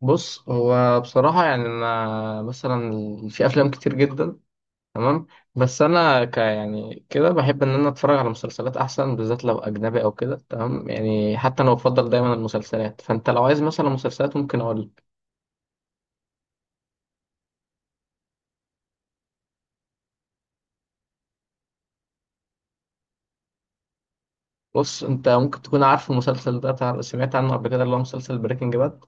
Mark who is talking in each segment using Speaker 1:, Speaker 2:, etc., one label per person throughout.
Speaker 1: بص، هو بصراحة يعني أنا مثلا في أفلام كتير جدا. تمام. بس أنا ك يعني كده بحب إن أنا أتفرج على مسلسلات أحسن، بالذات لو أجنبي أو كده. تمام يعني، حتى أنا بفضل دايما المسلسلات. فأنت لو عايز مثلا مسلسلات ممكن أقول لك. بص، أنت ممكن تكون عارف المسلسل ده، سمعت عنه قبل كده؟ اللي هو مسلسل بريكنج باد.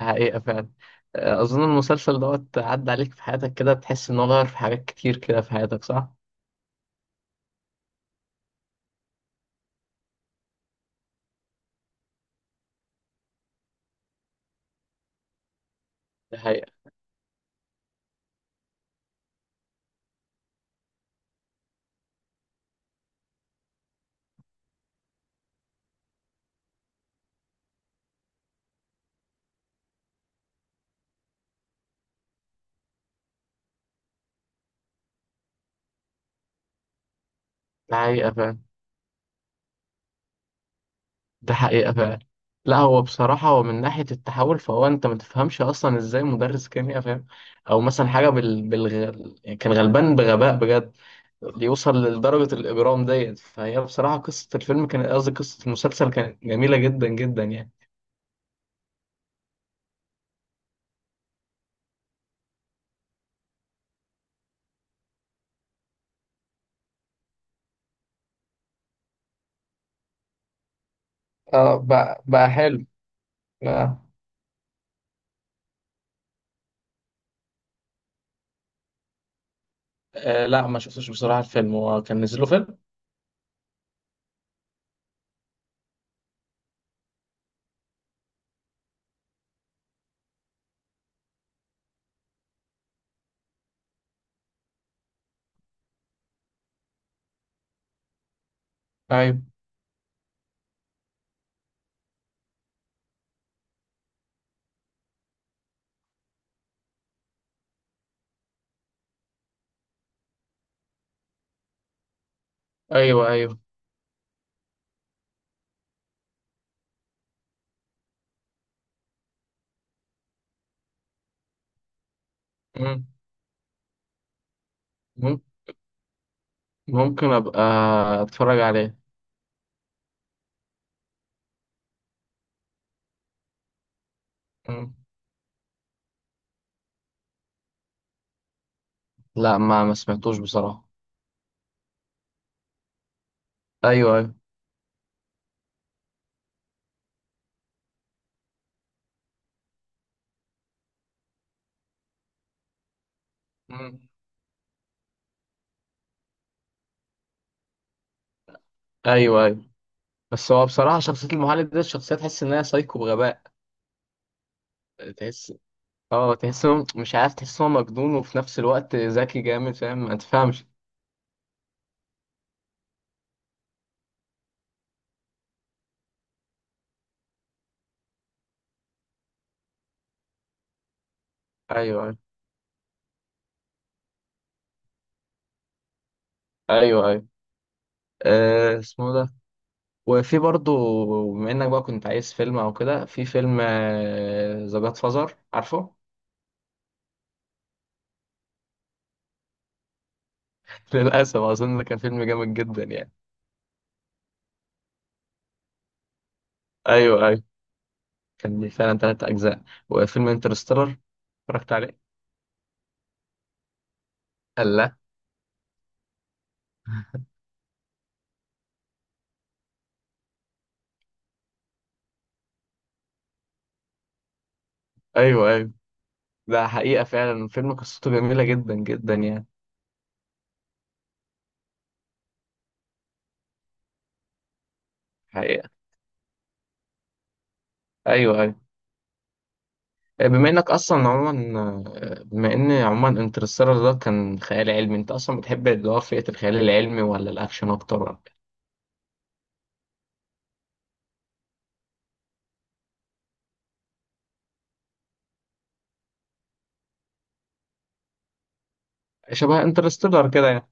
Speaker 1: حقيقة فعلا. أظن المسلسل دوت عدى عليك في حياتك كده، تحس إنه غير في حاجات كتير كده في حياتك، صح؟ ده حقيقة. ده حقيقة فعلا. ده حقيقة فعلا. لا، هو بصراحة هو من ناحية التحول، فهو أنت ما تفهمش أصلا إزاي مدرس كيمياء فاهم. أو مثلا حاجة يعني كان غلبان بغباء بجد، يوصل لدرجة الإجرام ديت. فهي بصراحة قصة الفيلم كانت، قصدي قصة المسلسل، كانت جميلة جدا جدا يعني. اه، بقى حلو. آه. آه، لا ما شفتش بصراحة. الفيلم هو كان نزل له فيلم؟ ايوه. أيوه أيوه. مم. مم. ممكن أبقى أتفرج عليه. مم. لا، ما سمعتوش بصراحة. أيوه أيوه. مم. ايوه ايوه. بس هو بصراحه، شخصيه المعلم ده، الشخصيه تحس ان هي سايكو بغباء. تحس. اه، تحس إنه مش عارف، تحس إن هو مجنون وفي نفس الوقت ذكي جامد، فاهم؟ ما تفهمش. ايوه ايوه. ايوه ايوه. اسمه ده. وفي برضه، بما انك بقى كنت عايز فيلم او كده، في فيلم ذا جاد فازر، عارفه؟ للاسف اظن ده كان فيلم جامد جدا يعني. ايوه ايوه. كان ليه فعلا 3 اجزاء. وفيلم انترستيلر، اتفرجت عليه؟ لا. ايوه ايوه. ده حقيقه فعلا، فيلم قصته جميله جدا جدا يعني. حقيقة. أيوه أيوه. آه، بما إنك أصلا عموما آه، بما إن عموما انترستيلر ده كان خيال علمي، أنت أصلا بتحب اللي هو فئة الخيال العلمي ولا الأكشن أكتر، ولا؟ شبه انترستيلر كده يعني.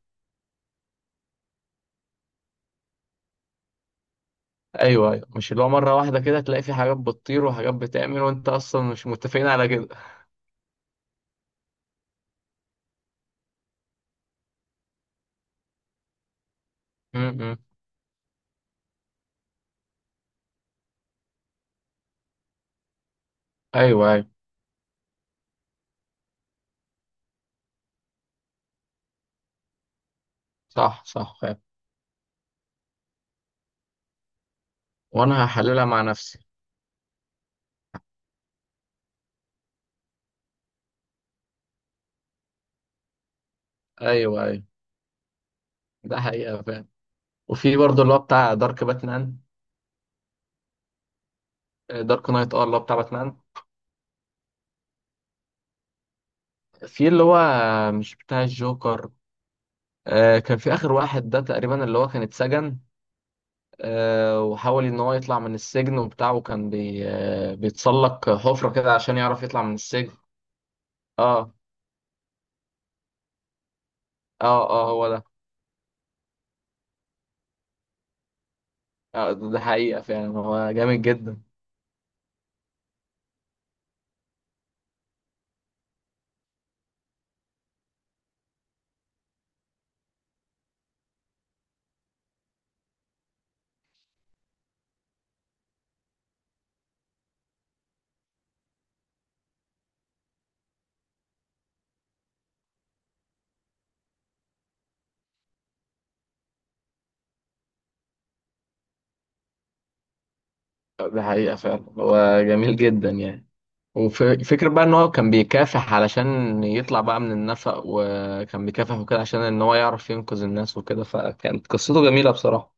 Speaker 1: أيوه أيوه. مش اللي هو مرة واحدة كده تلاقي في حاجات بتطير وحاجات بتعمل وأنت أصلا مش متفقين على كده. م- م. أيوه أيوه. صح صح فعلا. وأنا هحللها مع نفسي. أيوه أيوه. ده حقيقة فعلا. وفي برضه اللي هو بتاع دارك باتمان. دارك نايت، اه، اللي هو بتاع باتمان. في اللي هو، مش بتاع الجوكر. كان في آخر واحد ده تقريبا اللي هو كان اتسجن، وحاول إن هو يطلع من السجن وبتاع، وكان بي... آه، بيتسلق حفرة كده عشان يعرف يطلع من السجن. اه. اه اه، هو ده. ده ده حقيقة فعلا، هو جامد جدا. ده حقيقة فعلا، هو جميل جدا يعني. وفكرة بقى إن هو كان بيكافح علشان يطلع بقى من النفق، وكان بيكافح وكده عشان إن هو يعرف ينقذ الناس وكده، فكانت قصته جميلة بصراحة.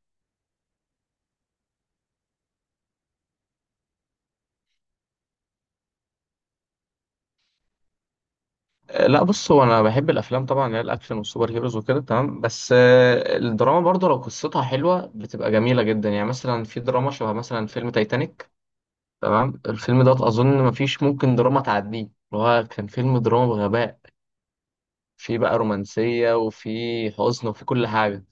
Speaker 1: لا، بص، هو انا بحب الافلام طبعا اللي هي الاكشن والسوبر هيروز وكده، تمام. بس الدراما برضه لو قصتها حلوه بتبقى جميله جدا يعني. مثلا في دراما شبه مثلا فيلم تايتانيك. تمام، الفيلم دوت اظن مفيش ممكن دراما تعديه. اللي هو كان فيلم دراما بغباء. في بقى رومانسيه، وفي حزن، وفي كل حاجه.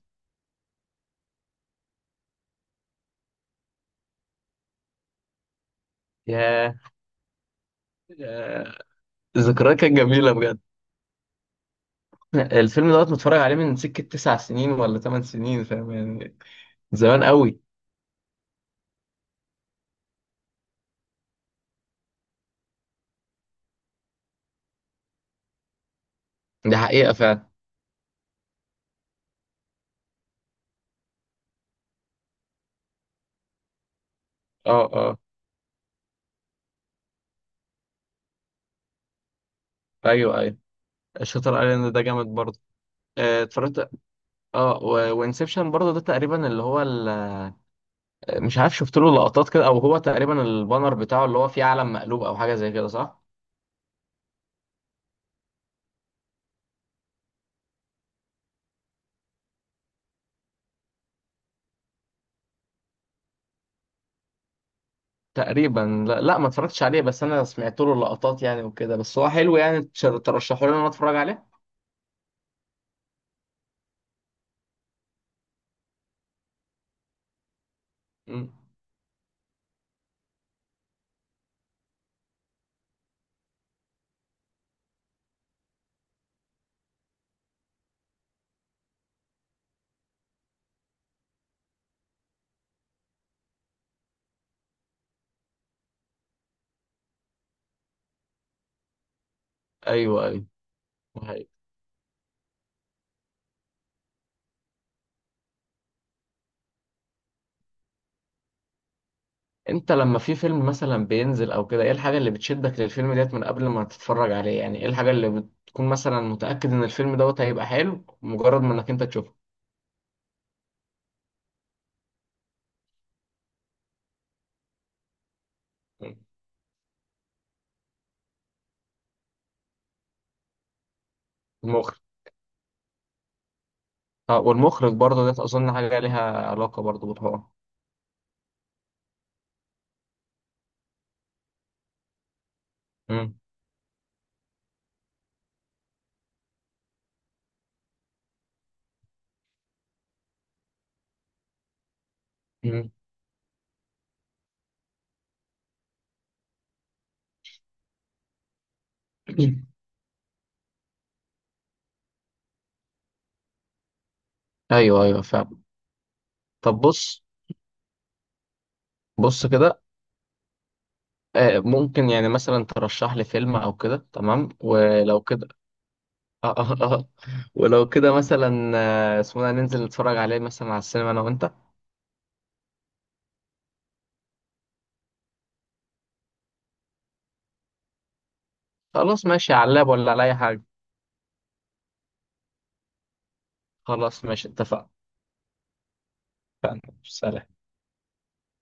Speaker 1: ياه. ياه، الذكريات كانت جميله بجد. الفيلم دوت متفرج عليه من سكه 9 سنين ولا 8 سنين، فاهم يعني؟ زمان قوي. دي حقيقه فعلا. اه اه. ايوه ايوه. شاتر ايلاند ده جامد برضه. اتفرجت. اه. وانسبشن برضه، ده تقريبا اللي هو مش عارف، شفت له لقطات كده، او هو تقريبا البانر بتاعه اللي هو فيه علم مقلوب او حاجه زي كده، صح؟ تقريبا لا, لا، ما اتفرجتش عليه. بس انا سمعت له لقطات يعني وكده. بس هو حلو يعني، ترشحوا لي ان انا اتفرج عليه. مم. ايوه ايوه. هاي. انت لما في فيلم مثلا بينزل او كده، ايه الحاجه اللي بتشدك للفيلم ديت من قبل ما تتفرج عليه؟ يعني ايه الحاجه اللي بتكون مثلا متاكد ان الفيلم دوت هيبقى حلو مجرد ما انك انت تشوفه؟ مم. المخرج. اه، والمخرج برضه ده اظن حاجه ليها علاقه برضه بالحوار. مم. مم. ايوه ايوه فعلا. طب بص. بص كده، ممكن يعني مثلا ترشح لي فيلم او كده؟ تمام. ولو كده آه آه آه. آه. ولو كده مثلا، اسمه ده، ننزل نتفرج عليه مثلا على السينما انا وانت. خلاص، ماشي. على اللاب ولا على اي حاجه؟ خلاص، ماشي، اتفقنا. سلام.